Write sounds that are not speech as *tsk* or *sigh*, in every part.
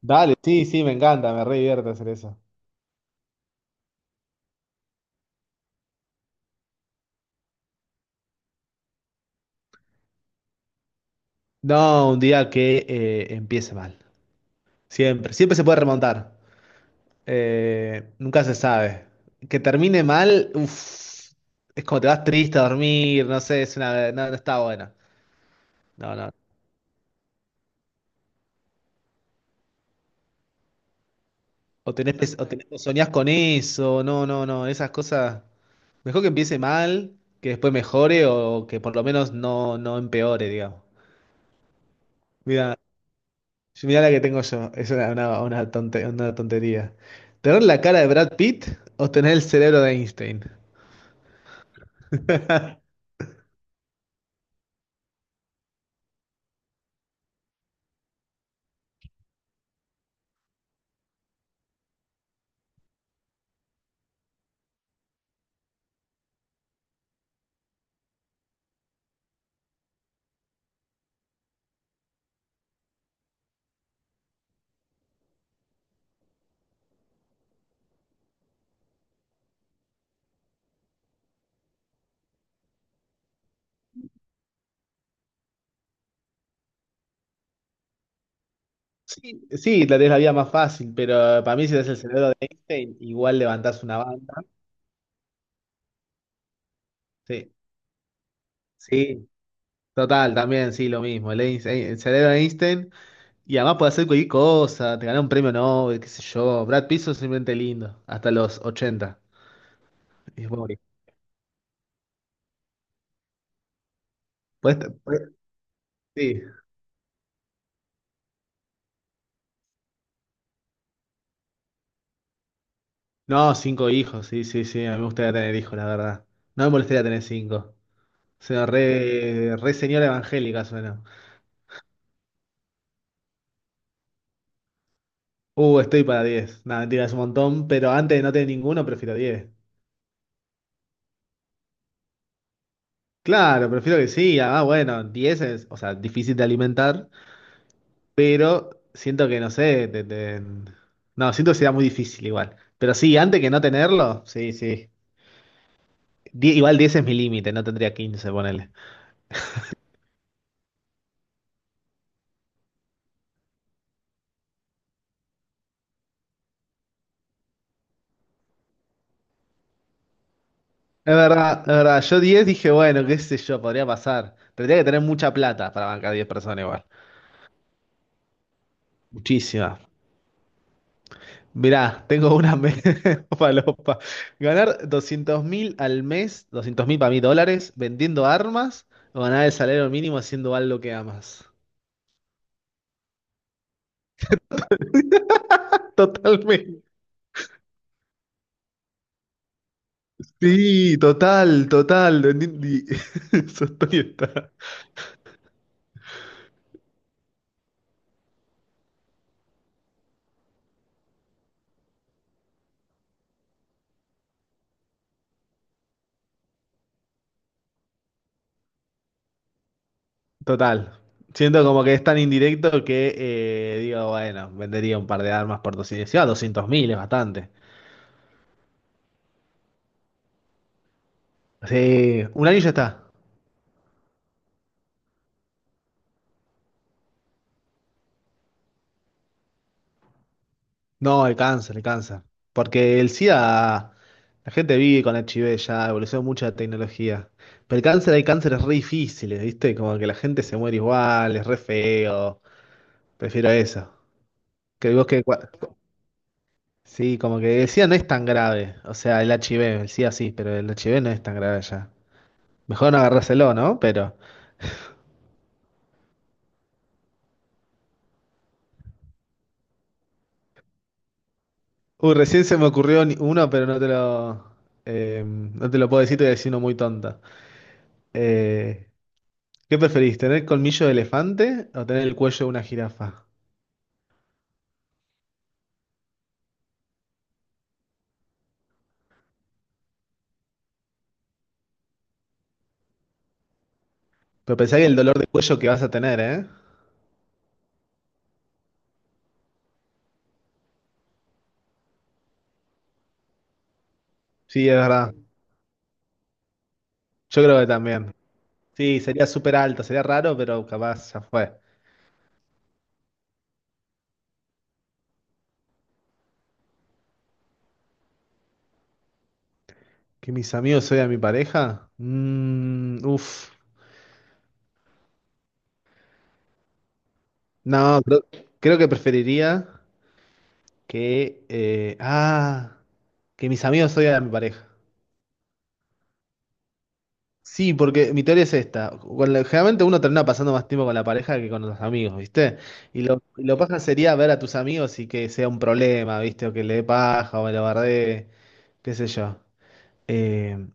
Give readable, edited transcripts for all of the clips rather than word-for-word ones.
Dale, sí, sí, me encanta, me re divierte hacer eso. No, un día que empiece mal. Siempre, siempre se puede remontar. Nunca se sabe. Que termine mal, uff, es como te vas triste a dormir, no sé, es una, no, no está buena. No, no. O tenés, o soñás con eso, no, no, no, esas cosas. Mejor que empiece mal, que después mejore o que por lo menos no, no empeore, digamos. Mira. Sí, mirá la que tengo yo. Es una una tontería. ¿Tener la cara de Brad Pitt o tener el cerebro de Einstein? *laughs* Sí, sí, la tenés la vida más fácil, pero para mí si tenés el cerebro de Einstein, igual levantás una banda. Sí, sí, total, también, sí, lo mismo. El cerebro de Einstein. Y además puede hacer cualquier cosa, te ganás un premio Nobel, qué sé yo. Brad Pitt es simplemente lindo, hasta los ochenta. Y después morís. Podés- podés- sí. No, cinco hijos, sí, sí, sí, a mí me gustaría tener hijos, la verdad. No me molestaría tener cinco. O sea, re, re señora evangélica suena. Estoy para diez. Nada, mentira, es un montón, pero antes de no tener ninguno, prefiero diez. Claro, prefiero que sí. Ah, bueno, diez es, o sea, difícil de alimentar, pero siento que, no sé, no, siento que sería muy difícil igual. Pero sí, antes que no tenerlo, sí, sí. Igual diez es mi límite, no tendría quince, ponele. Es verdad, es verdad. Yo 10 dije, bueno, qué sé yo, podría pasar. Pero tenía que tener mucha plata para bancar diez personas igual. Muchísima. Mirá, tengo una *laughs* falopa. Ganar 200.000 al mes, 200.000 para mí dólares, vendiendo armas o ganar el salario mínimo haciendo algo que amas. *laughs* Totalmente. Sí, total, total. Entendí. *laughs* Eso estoy está. Total. Siento como que es tan indirecto que digo, bueno, vendería un par de armas por doscientos. Sí, a 200 mil es bastante. Sí, un año ya está. No, el cáncer, el cáncer. Porque el SIDA, la gente vive con HIV ya, evolucionó mucho la tecnología. Pero el cáncer, hay cánceres re difíciles, ¿viste? Como que la gente se muere igual, es re feo. Prefiero eso. Que vos sí, como que el SIDA no es tan grave. O sea, el HIV, el SIDA sí, pero el HIV no es tan grave ya. Mejor no agarrárselo, ¿no? Pero... Uy, recién se me ocurrió uno, pero no te lo... no te lo puedo decir, te voy a decir uno muy tonto. Eh, ¿Qué preferís, tener colmillo de elefante o tener el cuello de una jirafa? Pero pensá que el dolor de cuello que vas a tener, ¿eh? Sí, es verdad. Yo creo que también. Sí, sería súper alto, sería raro, pero capaz ya fue. ¿Que mis amigos a mi pareja? Mmm, uf. No, creo que preferiría que... eh, ah, que mis amigos a mi pareja. Sí, porque mi teoría es esta. Generalmente uno termina pasando más tiempo con la pareja que con los amigos, ¿viste? Y lo paja sería ver a tus amigos y que sea un problema, ¿viste? O que le dé paja o me lo bardee, qué sé yo. Eh,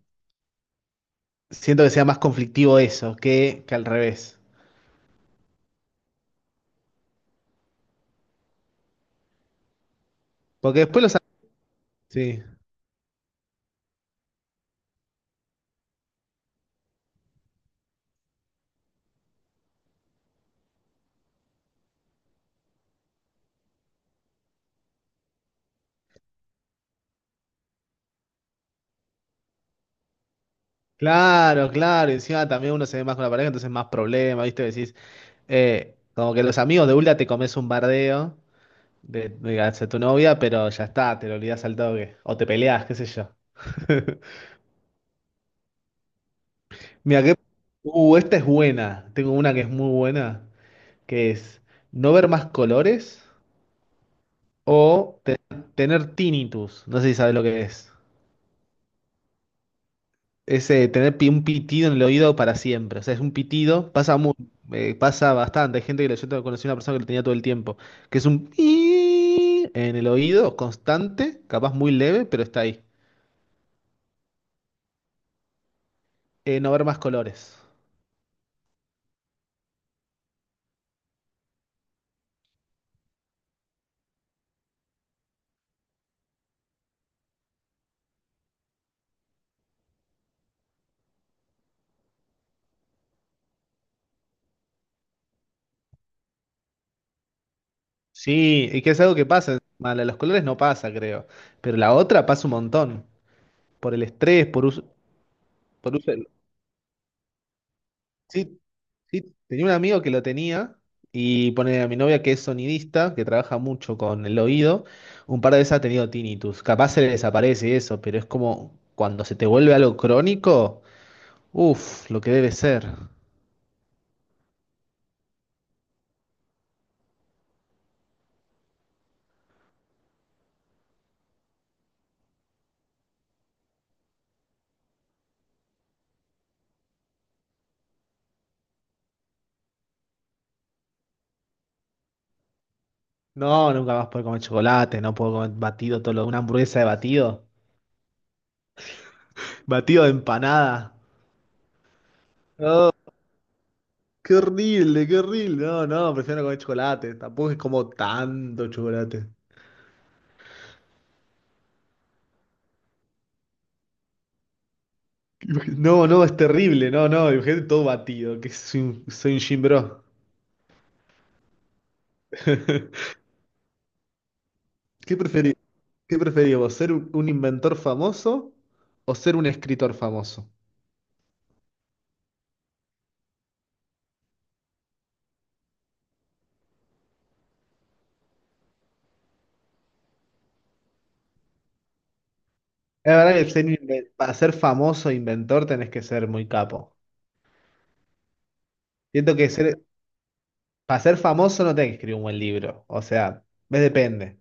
Siento que sea más conflictivo eso que al revés. Porque después sí. Claro, claro. Y encima también uno se ve más con la pareja, entonces más problema, ¿viste? Decís, como que los amigos de Ulda te comes un bardeo de hacia tu novia, pero ya está, te lo olvidás al toque. O te peleás, qué sé yo. *laughs* Mira, que... esta es buena. Tengo una que es muy buena, que es no ver más colores o te- tener tinnitus. No sé si sabes lo que es. Es tener un pitido en el oído para siempre. O sea, es un pitido, pasa bastante. Hay gente que lo, conocí a una persona que lo tenía todo el tiempo, que es un *tsk* en el oído constante, capaz muy leve, pero está ahí. No ver más colores. Sí, y que es algo que pasa. Encima, la de los colores no pasa, creo. Pero la otra pasa un montón. Por el estrés, por uso, por uso del- sí, sí, tenía un amigo que lo tenía y pone a mi novia que es sonidista, que trabaja mucho con el oído, un par de veces ha tenido tinnitus. Capaz se le desaparece y eso, pero es como cuando se te vuelve algo crónico, uff, lo que debe ser. No, nunca más puedo comer chocolate, no puedo comer batido, una hamburguesa de batido, batido de empanada. No, qué horrible, qué horrible. No, no, prefiero no comer chocolate, tampoco es como tanto chocolate. No, no, es terrible, no, no, imagínate todo batido, que soy un gym bro. *laughs* ¿Qué preferí, ¿qué preferís vos, ser un inventor famoso o ser un escritor famoso? La verdad que ser para ser famoso e inventor tenés que ser muy capo. Siento que para ser famoso no tenés que escribir un buen libro, o sea, me depende.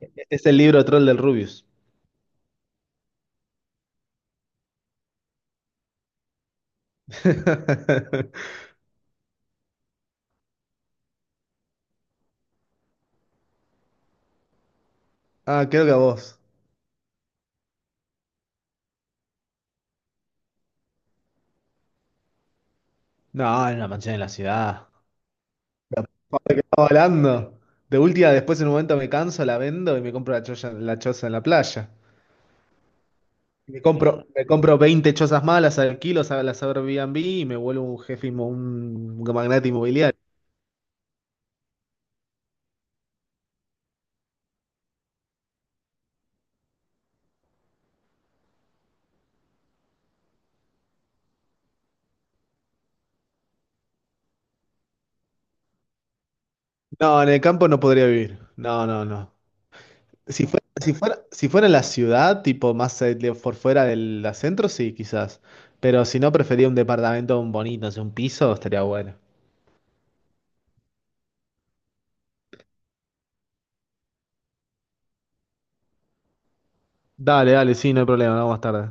Este es el libro troll del Rubius. *laughs* Ah, creo que a vos. No, en una mansión en la ciudad. Aparte que estaba hablando. De última, después en un momento me canso, la vendo y me compro la choza en la playa. Me compro 20 chozas más, las alquilo, las Airbnb y me vuelvo un jefe, un magnate inmobiliario. No, en el campo no podría vivir. No, no, no. Si fuera en la ciudad, tipo más por fuera del la centro, sí, quizás. Pero si no, prefería un departamento bonito, así, un piso, estaría bueno. Dale, dale, sí, no hay problema, vamos más tarde.